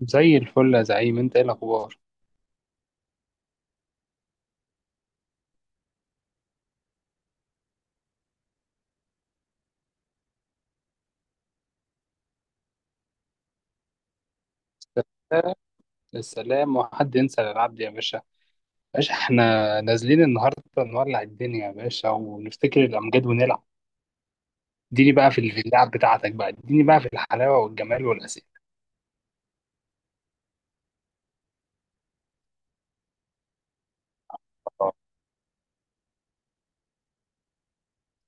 زي الفل يا زعيم، انت ايه الاخبار؟ السلام. السلام وحد ينسى العبد يا باشا؟ باشا احنا نازلين النهارده نولع الدنيا يا باشا ونفتكر الامجاد ونلعب. اديني بقى في اللعب بتاعتك بقى، اديني بقى في الحلاوه والجمال والاسئله.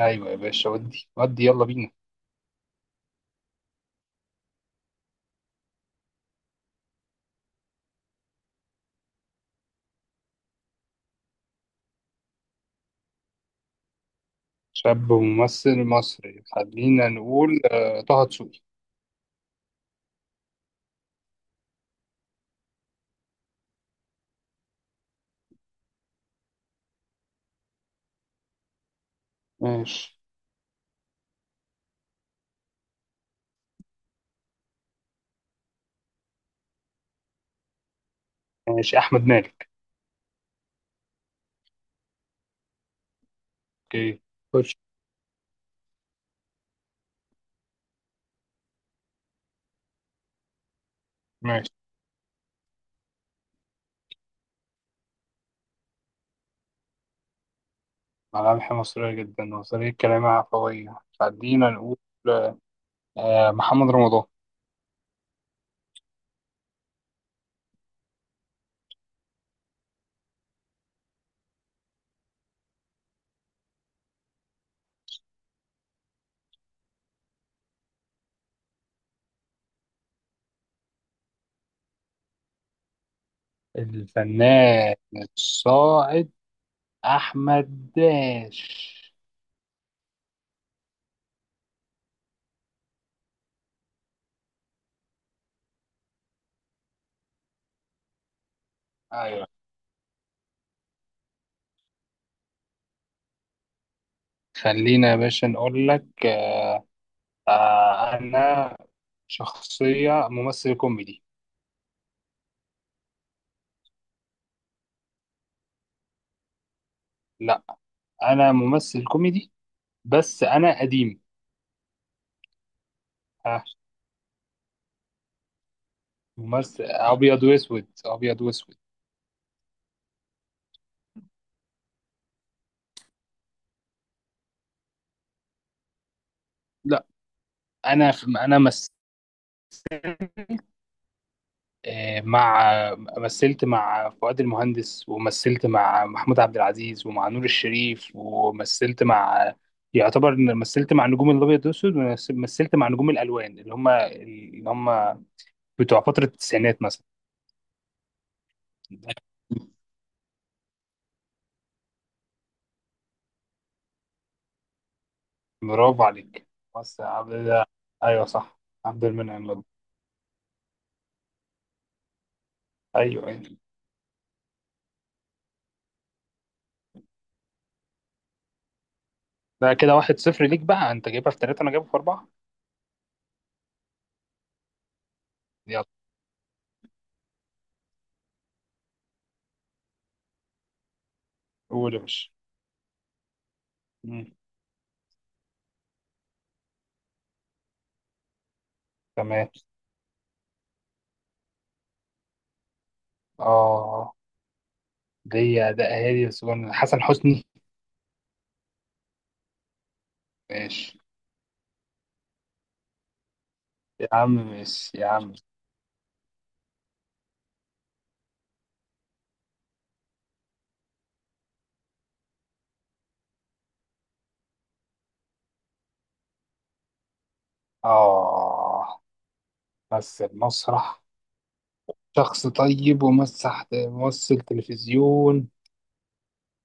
ايوه يا باشا، ودي يلا بينا. شاب وممثل مصري، خلينا نقول طه دسوقي. ماشي. ماشي، احمد مالك. اوكي، خش. ماشي. ملامح مصريه جدا وطريقه كلامها عفويه، خلينا نقول محمد رمضان. الفنان الصاعد أحمد داش. أيوة. خلينا يا باشا نقول لك آه. آه أنا شخصية ممثل كوميدي. لا، أنا ممثل كوميدي بس أنا قديم. آه، ممثل أبيض وأسود، أبيض وأسود. لا، أنا مثلت مع، مثلت مع فؤاد المهندس ومثلت مع محمود عبد العزيز ومع نور الشريف ومثلت مع، يعتبر إن مثلت مع نجوم الابيض والاسود ومثلت مع نجوم الالوان اللي هم بتوع فتره التسعينات مثلا. برافو عليك، بس عبد الله. ايوه صح، عبد المنعم لبيب. ايوه أيوة. ده كده واحد صفر ليك بقى، انت جايبها في ثلاثه انا جايبها في اربعه. يلا. قول يا باشا. مم. تمام. اه، دي ده اهالي بس. حسن حسني. ماشي يا عم، ماشي يا عم. آه، مثل مسرح، شخص طيب ومسح ممثل تلفزيون.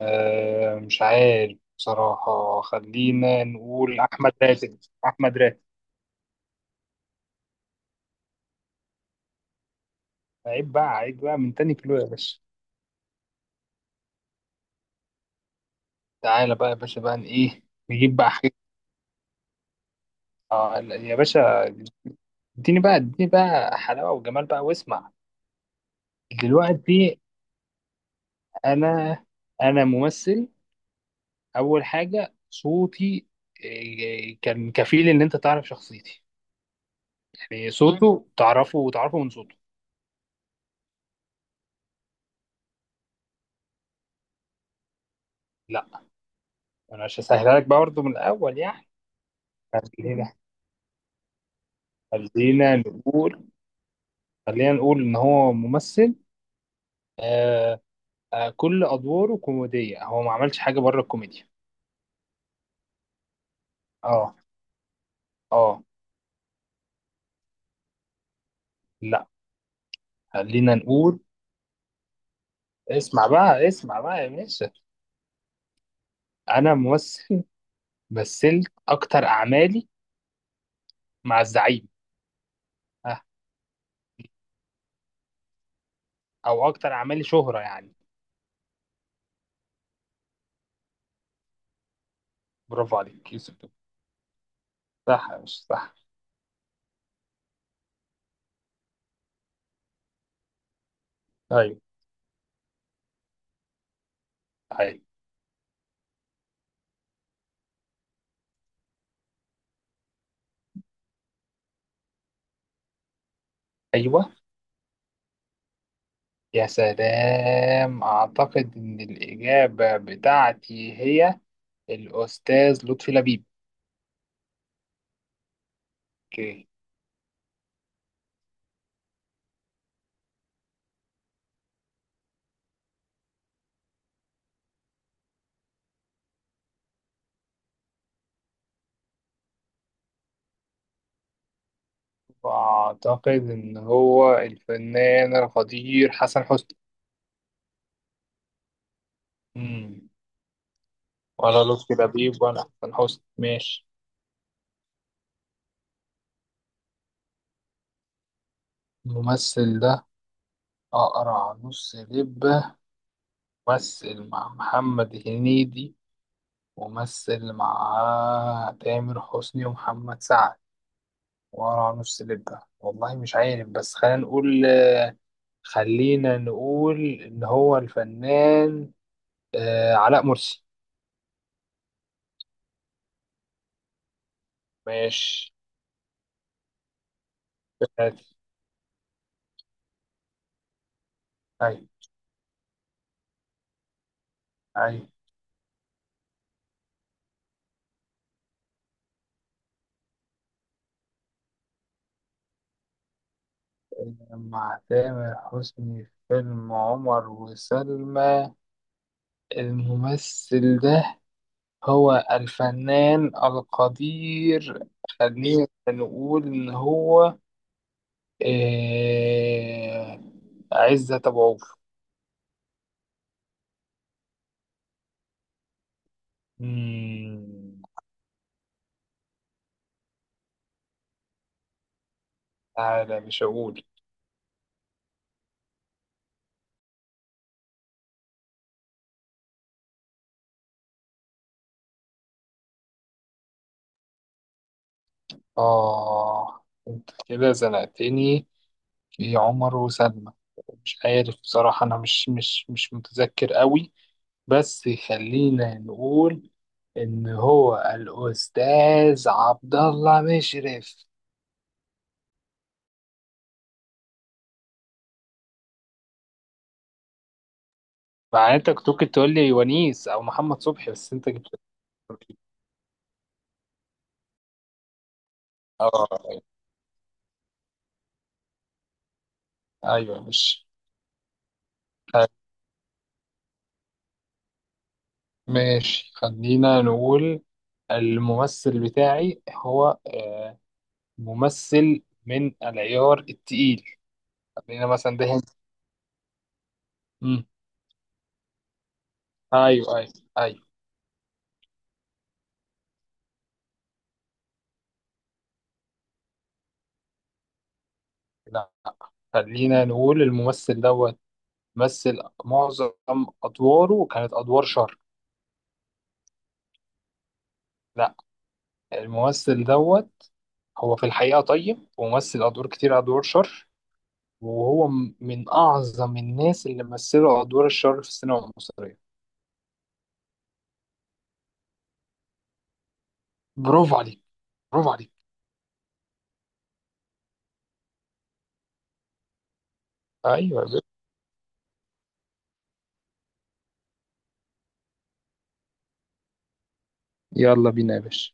آه مش عارف بصراحة، خلينا نقول أحمد راتب. أحمد راتب. عيب بقى، عيب بقى من تاني كيلو يا باشا. تعالى بقى يا باشا بقى ن- إيه، نجيب بقى حاجة. آه لا، يا باشا، اديني بقى، اديني بقى حلاوة وجمال بقى واسمع. دلوقتي أنا أنا ممثل. اول حاجه صوتي إيه، كان كفيل ان انت تعرف شخصيتي. يعني صوته تعرفه، وتعرفه من صوته. لا، انا مش هسهلها لك بقى برضه من الاول يعني. خلينا خلينا نقول، خلينا نقول ان هو ممثل، آه. آه، كل ادواره كوميديه، هو ما عملش حاجه بره الكوميديا. اه، اه. لا. خلينا نقول، اسمع بقى، اسمع بقى يا باشا. انا ممثل، مثلت اكتر اعمالي مع الزعيم. آه. او اكتر اعمالي شهرة يعني. برافو عليك يوسف. صح مش صح. طيب. طيب. ايوه. يا سلام، اعتقد ان الاجابه بتاعتي هي الاستاذ لطفي لبيب. اوكي. واعتقد ان هو الفنان القدير حسن حسني. امم ولا لطفي لبيب ولا حسن حسني. ماشي. الممثل ده اقرع نص لبه، ممثل مع محمد هنيدي ومثل مع تامر حسني ومحمد سعد. ورا نص لبة والله مش عارف، بس خلينا نقول، خلينا نقول إن هو الفنان علاء مرسي. ماشي. أي. أي، مع تامر حسني في فيلم عمر وسلمى. الممثل ده هو الفنان القدير، خلينا نقول إن هو آه عزت أبو عوف. مم، تعالى مش هقول. آه أنت كده زنقتني في عمر وسلمى. مش عارف بصراحة، أنا مش متذكر قوي، بس خلينا نقول إن هو الأستاذ عبد الله مشرف. مع إن أنت كنت ممكن تقول لي ونيس أو محمد صبحي، بس أنت جبت آه. أيوه مش. طيب، ماشي، خلينا نقول الممثل بتاعي هو ممثل من العيار التقيل. خلينا مثلا ده هند. امم ايوه ايوه. لا، خلينا نقول الممثل دوت مثل معظم ادواره كانت ادوار شر. لا، الممثل دوت هو في الحقيقه طيب، ومثل ادوار كتير ادوار شر، وهو من اعظم الناس اللي مثلوا ادوار الشر في السينما المصريه. برافو عليك، برافو عليك. ايوه يا باشا. يلا بينا يا باشا.